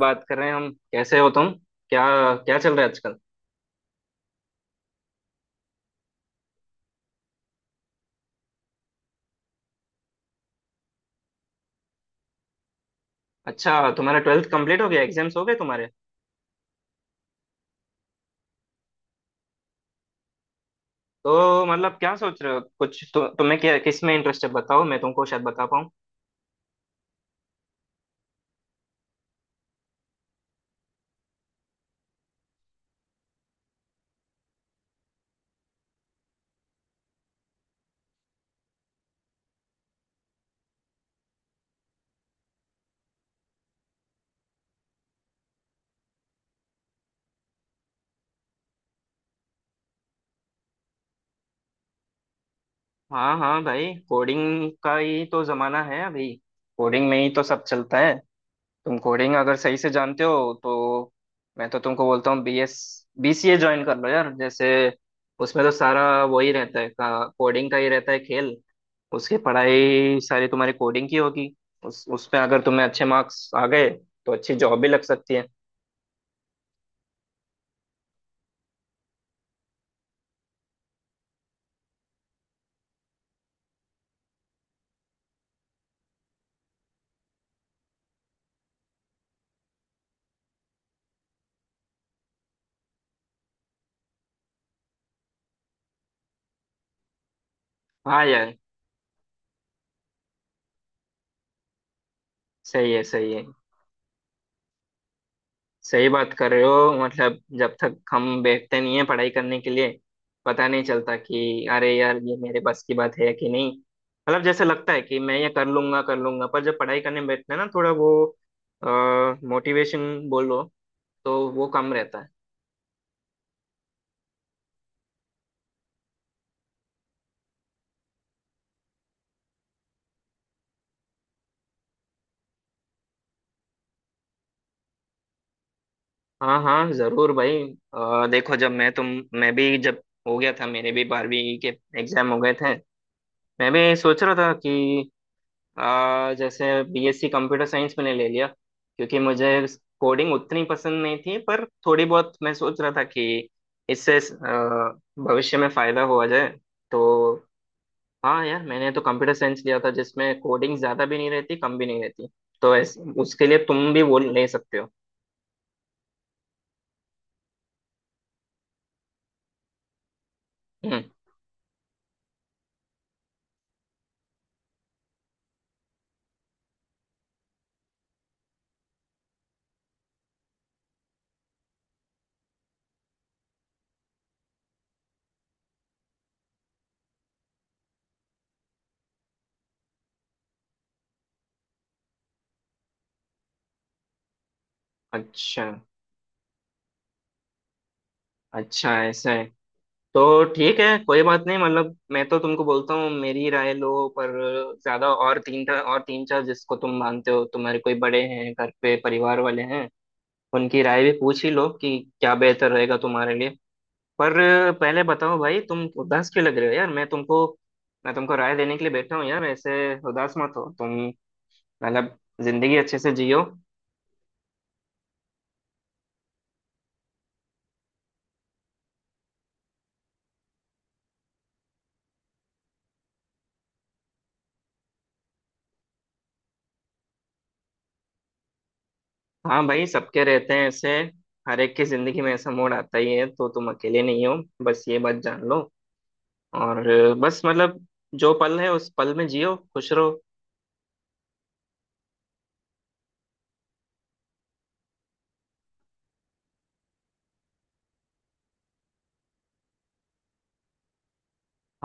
बात कर रहे हैं हम। कैसे हो तुम? क्या, क्या चल रहा है आजकल? अच्छा, तुम्हारा ट्वेल्थ कंप्लीट हो गया, एग्जाम्स हो गए तुम्हारे? तो मतलब क्या सोच रहे हो कुछ? तुम्हें क्या, किस में इंटरेस्ट है बताओ, मैं तुमको शायद बता पाऊँ। हाँ हाँ भाई, कोडिंग का ही तो जमाना है अभी। कोडिंग में ही तो सब चलता है। तुम कोडिंग अगर सही से जानते हो तो मैं तो तुमको बोलता हूँ B S B C A join कर लो यार, जैसे उसमें तो सारा वही रहता है कोडिंग का ही रहता है खेल। उसकी पढ़ाई सारी तुम्हारी कोडिंग की होगी। उस उसमें अगर तुम्हें अच्छे मार्क्स आ गए तो अच्छी जॉब भी लग सकती है। हाँ यार, सही है सही है। सही बात कर रहे हो। मतलब जब तक हम बैठते नहीं है पढ़ाई करने के लिए पता नहीं चलता कि अरे यार ये मेरे बस की बात है कि नहीं। मतलब जैसे लगता है कि मैं ये कर लूंगा कर लूंगा, पर जब पढ़ाई करने बैठते हैं ना थोड़ा वो मोटिवेशन बोलो, तो वो कम रहता है। हाँ हाँ जरूर भाई। देखो, जब मैं तुम मैं भी जब हो गया था, मेरे भी 12वीं के एग्जाम हो गए थे। मैं भी सोच रहा था कि जैसे बीएससी कंप्यूटर साइंस मैंने ले लिया क्योंकि मुझे कोडिंग उतनी पसंद नहीं थी, पर थोड़ी बहुत मैं सोच रहा था कि इससे भविष्य में फायदा हुआ जाए तो। हाँ यार, मैंने तो कंप्यूटर साइंस लिया था जिसमें कोडिंग ज्यादा भी नहीं रहती कम भी नहीं रहती। तो ऐसे उसके लिए तुम भी वो ले सकते हो। हम्म। अच्छा। अच्छा ऐसा है? तो ठीक है, कोई बात नहीं। मतलब मैं तो तुमको बोलता हूँ मेरी राय लो, पर ज्यादा और तीन चार जिसको तुम मानते हो, तुम्हारे कोई बड़े हैं घर पे, परिवार वाले हैं, उनकी राय भी पूछ ही लो कि क्या बेहतर रहेगा तुम्हारे लिए। पर पहले बताओ भाई, तुम उदास क्यों लग रहे हो यार? मैं तुमको राय देने के लिए बैठा हूँ यार, ऐसे उदास मत हो तुम। मतलब जिंदगी अच्छे से जियो। हाँ भाई, सबके रहते हैं ऐसे। हर एक की जिंदगी में ऐसा मोड़ आता ही है, तो तुम अकेले नहीं हो, बस ये बात जान लो। और बस मतलब जो पल है उस पल में जियो, खुश रहो।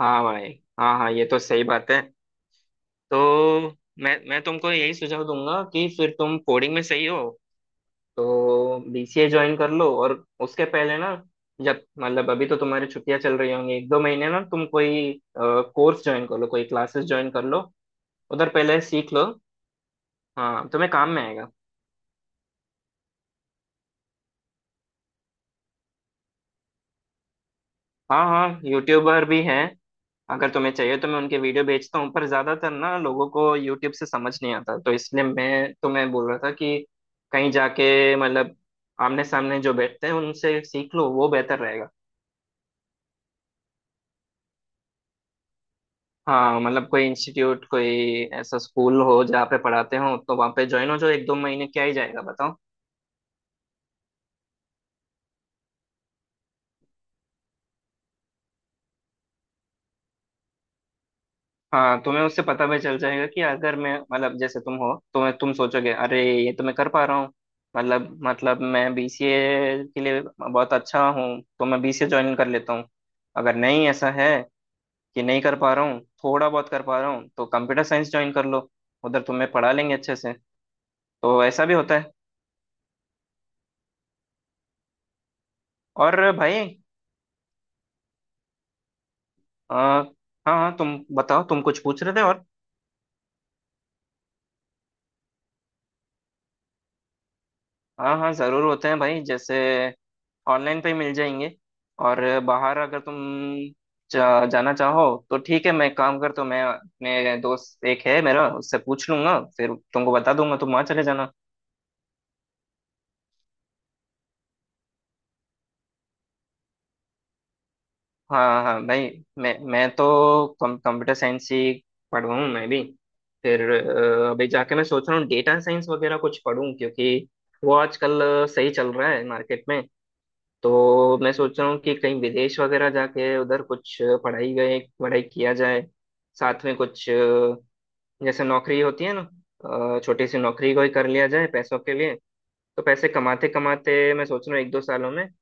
हाँ भाई, हाँ हाँ, ये तो सही बात है। तो मैं तुमको यही सुझाव दूंगा कि फिर तुम कोडिंग में सही हो तो बीसीए ज्वाइन कर लो, और उसके पहले ना जब मतलब अभी तो तुम्हारी छुट्टियां चल रही होंगी एक दो महीने, ना तुम कोई कोर्स ज्वाइन कर लो, कोई क्लासेस ज्वाइन कर लो, उधर पहले सीख लो। हाँ, तुम्हें काम में आएगा। हाँ हाँ, यूट्यूबर भी हैं। अगर तुम्हें चाहिए तो मैं उनके वीडियो भेजता हूँ, पर ज्यादातर ना लोगों को यूट्यूब से समझ नहीं आता, तो इसलिए मैं तुम्हें बोल रहा था कि कहीं जाके मतलब आमने सामने जो बैठते हैं उनसे सीख लो, वो बेहतर रहेगा। हाँ, मतलब कोई इंस्टीट्यूट, कोई ऐसा स्कूल हो जहाँ पे पढ़ाते हो तो वहाँ पे ज्वाइन हो जाओ, एक दो महीने क्या ही जाएगा बताओ। हाँ, तुम्हें उससे पता भी चल जाएगा कि अगर मैं मतलब जैसे तुम हो, तो मैं तुम सोचोगे अरे ये तो मैं कर पा रहा हूँ, मतलब मतलब मैं बीसीए के लिए बहुत अच्छा हूँ, तो मैं बीसीए ज्वाइन कर लेता हूँ। अगर नहीं ऐसा है कि नहीं कर पा रहा हूँ, थोड़ा बहुत कर पा रहा हूँ, तो कंप्यूटर साइंस ज्वाइन कर लो, उधर तुम्हें पढ़ा लेंगे अच्छे से। तो ऐसा भी होता है। और भाई, आ, हाँ हाँ तुम बताओ, तुम कुछ पूछ रहे थे और? हाँ हाँ जरूर होते हैं भाई, जैसे ऑनलाइन पे ही मिल जाएंगे। और बाहर अगर तुम जाना चाहो तो ठीक है, मैं एक काम करता हूँ, मैं अपने दोस्त एक है मेरा उससे पूछ लूंगा, फिर तुमको बता दूंगा, तुम वहाँ चले जाना। हाँ हाँ भाई, मैं तो कंप्यूटर साइंस ही पढ़ूँ मैं भी। फिर अभी जाके मैं सोच रहा हूँ डेटा साइंस वगैरह कुछ पढूं, क्योंकि वो आजकल सही चल रहा है मार्केट में। तो मैं सोच रहा हूँ कि कहीं विदेश वगैरह जाके उधर कुछ पढ़ाई किया जाए, साथ में कुछ जैसे नौकरी होती है ना, छोटी सी नौकरी कोई कर लिया जाए पैसों के लिए। तो पैसे कमाते कमाते मैं सोच रहा हूँ एक दो सालों में अ,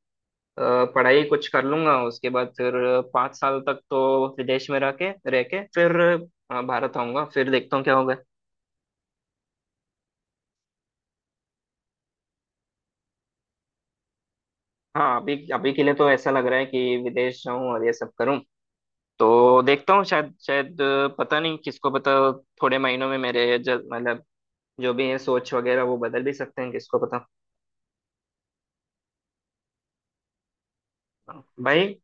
पढ़ाई कुछ कर लूंगा, उसके बाद फिर 5 साल तक तो विदेश में रह के फिर भारत आऊंगा, फिर देखता हूँ क्या होगा। हाँ अभी अभी के लिए तो ऐसा लग रहा है कि विदेश जाऊं और ये सब करूं। तो देखता हूँ, शायद शायद पता नहीं, किसको पता, थोड़े महीनों में मतलब जो भी है सोच वगैरह वो बदल भी सकते हैं, किसको पता। भाई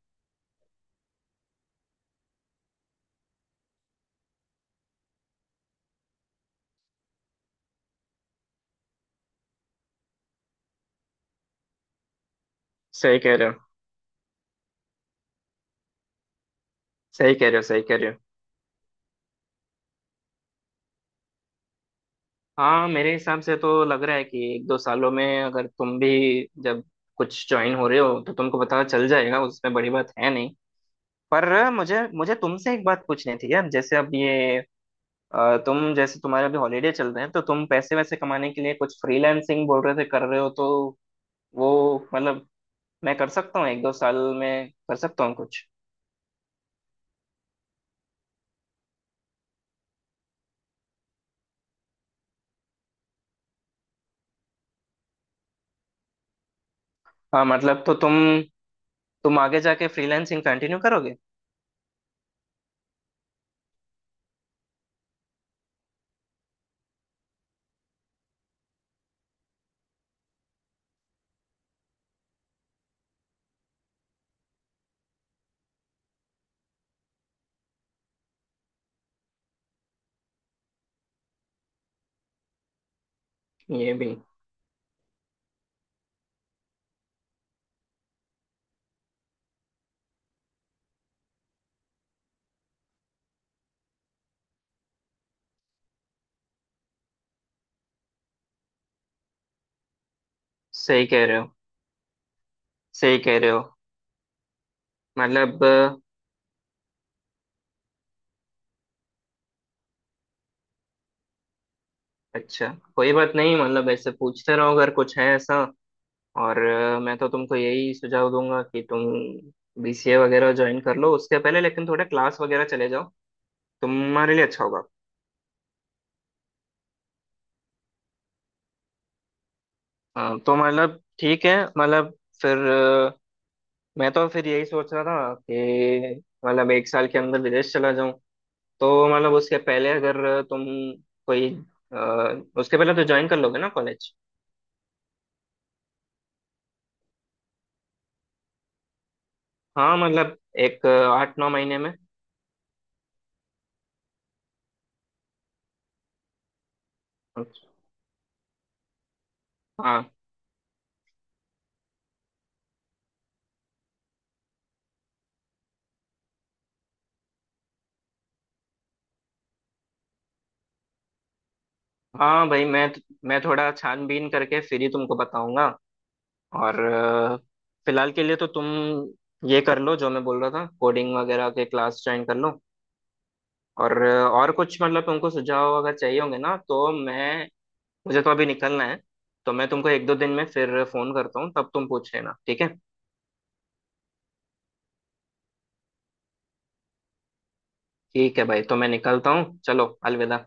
सही कह रहे हो, सही कह रहे हो, सही कह रहे हो। हाँ मेरे हिसाब से तो लग रहा है कि एक दो सालों में अगर तुम भी जब कुछ ज्वाइन हो रहे हो तो तुमको पता चल जाएगा, उसमें बड़ी बात है नहीं। पर मुझे मुझे तुमसे एक बात पूछनी थी यार, जैसे अब ये तुम जैसे तुम्हारे अभी हॉलीडे चल रहे हैं तो तुम पैसे वैसे कमाने के लिए कुछ फ्रीलांसिंग बोल रहे थे कर रहे हो तो वो मतलब मैं कर सकता हूँ एक दो साल में कर सकता हूँ कुछ। हाँ मतलब तो तुम आगे जाके फ्रीलांसिंग कंटिन्यू करोगे ये भी? सही कह रहे हो, सही कह रहे हो। मतलब अच्छा, कोई बात नहीं। मतलब ऐसे पूछते रहो अगर कुछ है ऐसा। और मैं तो तुमको यही सुझाव दूंगा कि तुम बीसीए वगैरह ज्वाइन कर लो, उसके पहले लेकिन थोड़े क्लास वगैरह चले जाओ, तुम्हारे लिए अच्छा होगा। तो मतलब ठीक है, मतलब फिर मैं तो फिर यही सोच रहा था कि मतलब एक साल के अंदर विदेश चला जाऊं, तो मतलब उसके पहले अगर तुम कोई अ, उसके पहले तो ज्वाइन कर लोगे ना कॉलेज? हाँ मतलब एक 8-9 महीने में। हाँ हाँ भाई, मैं थोड़ा छानबीन करके फिर ही तुमको बताऊंगा। और फिलहाल के लिए तो तुम ये कर लो जो मैं बोल रहा था, कोडिंग वगैरह के क्लास ज्वाइन कर लो। और और कुछ मतलब तुमको सुझाव अगर चाहिए होंगे ना तो मैं, मुझे तो अभी निकलना है, तो मैं तुमको एक दो दिन में फिर फोन करता हूँ, तब तुम पूछ लेना, ठीक है? ठीक है भाई, तो मैं निकलता हूँ, चलो अलविदा।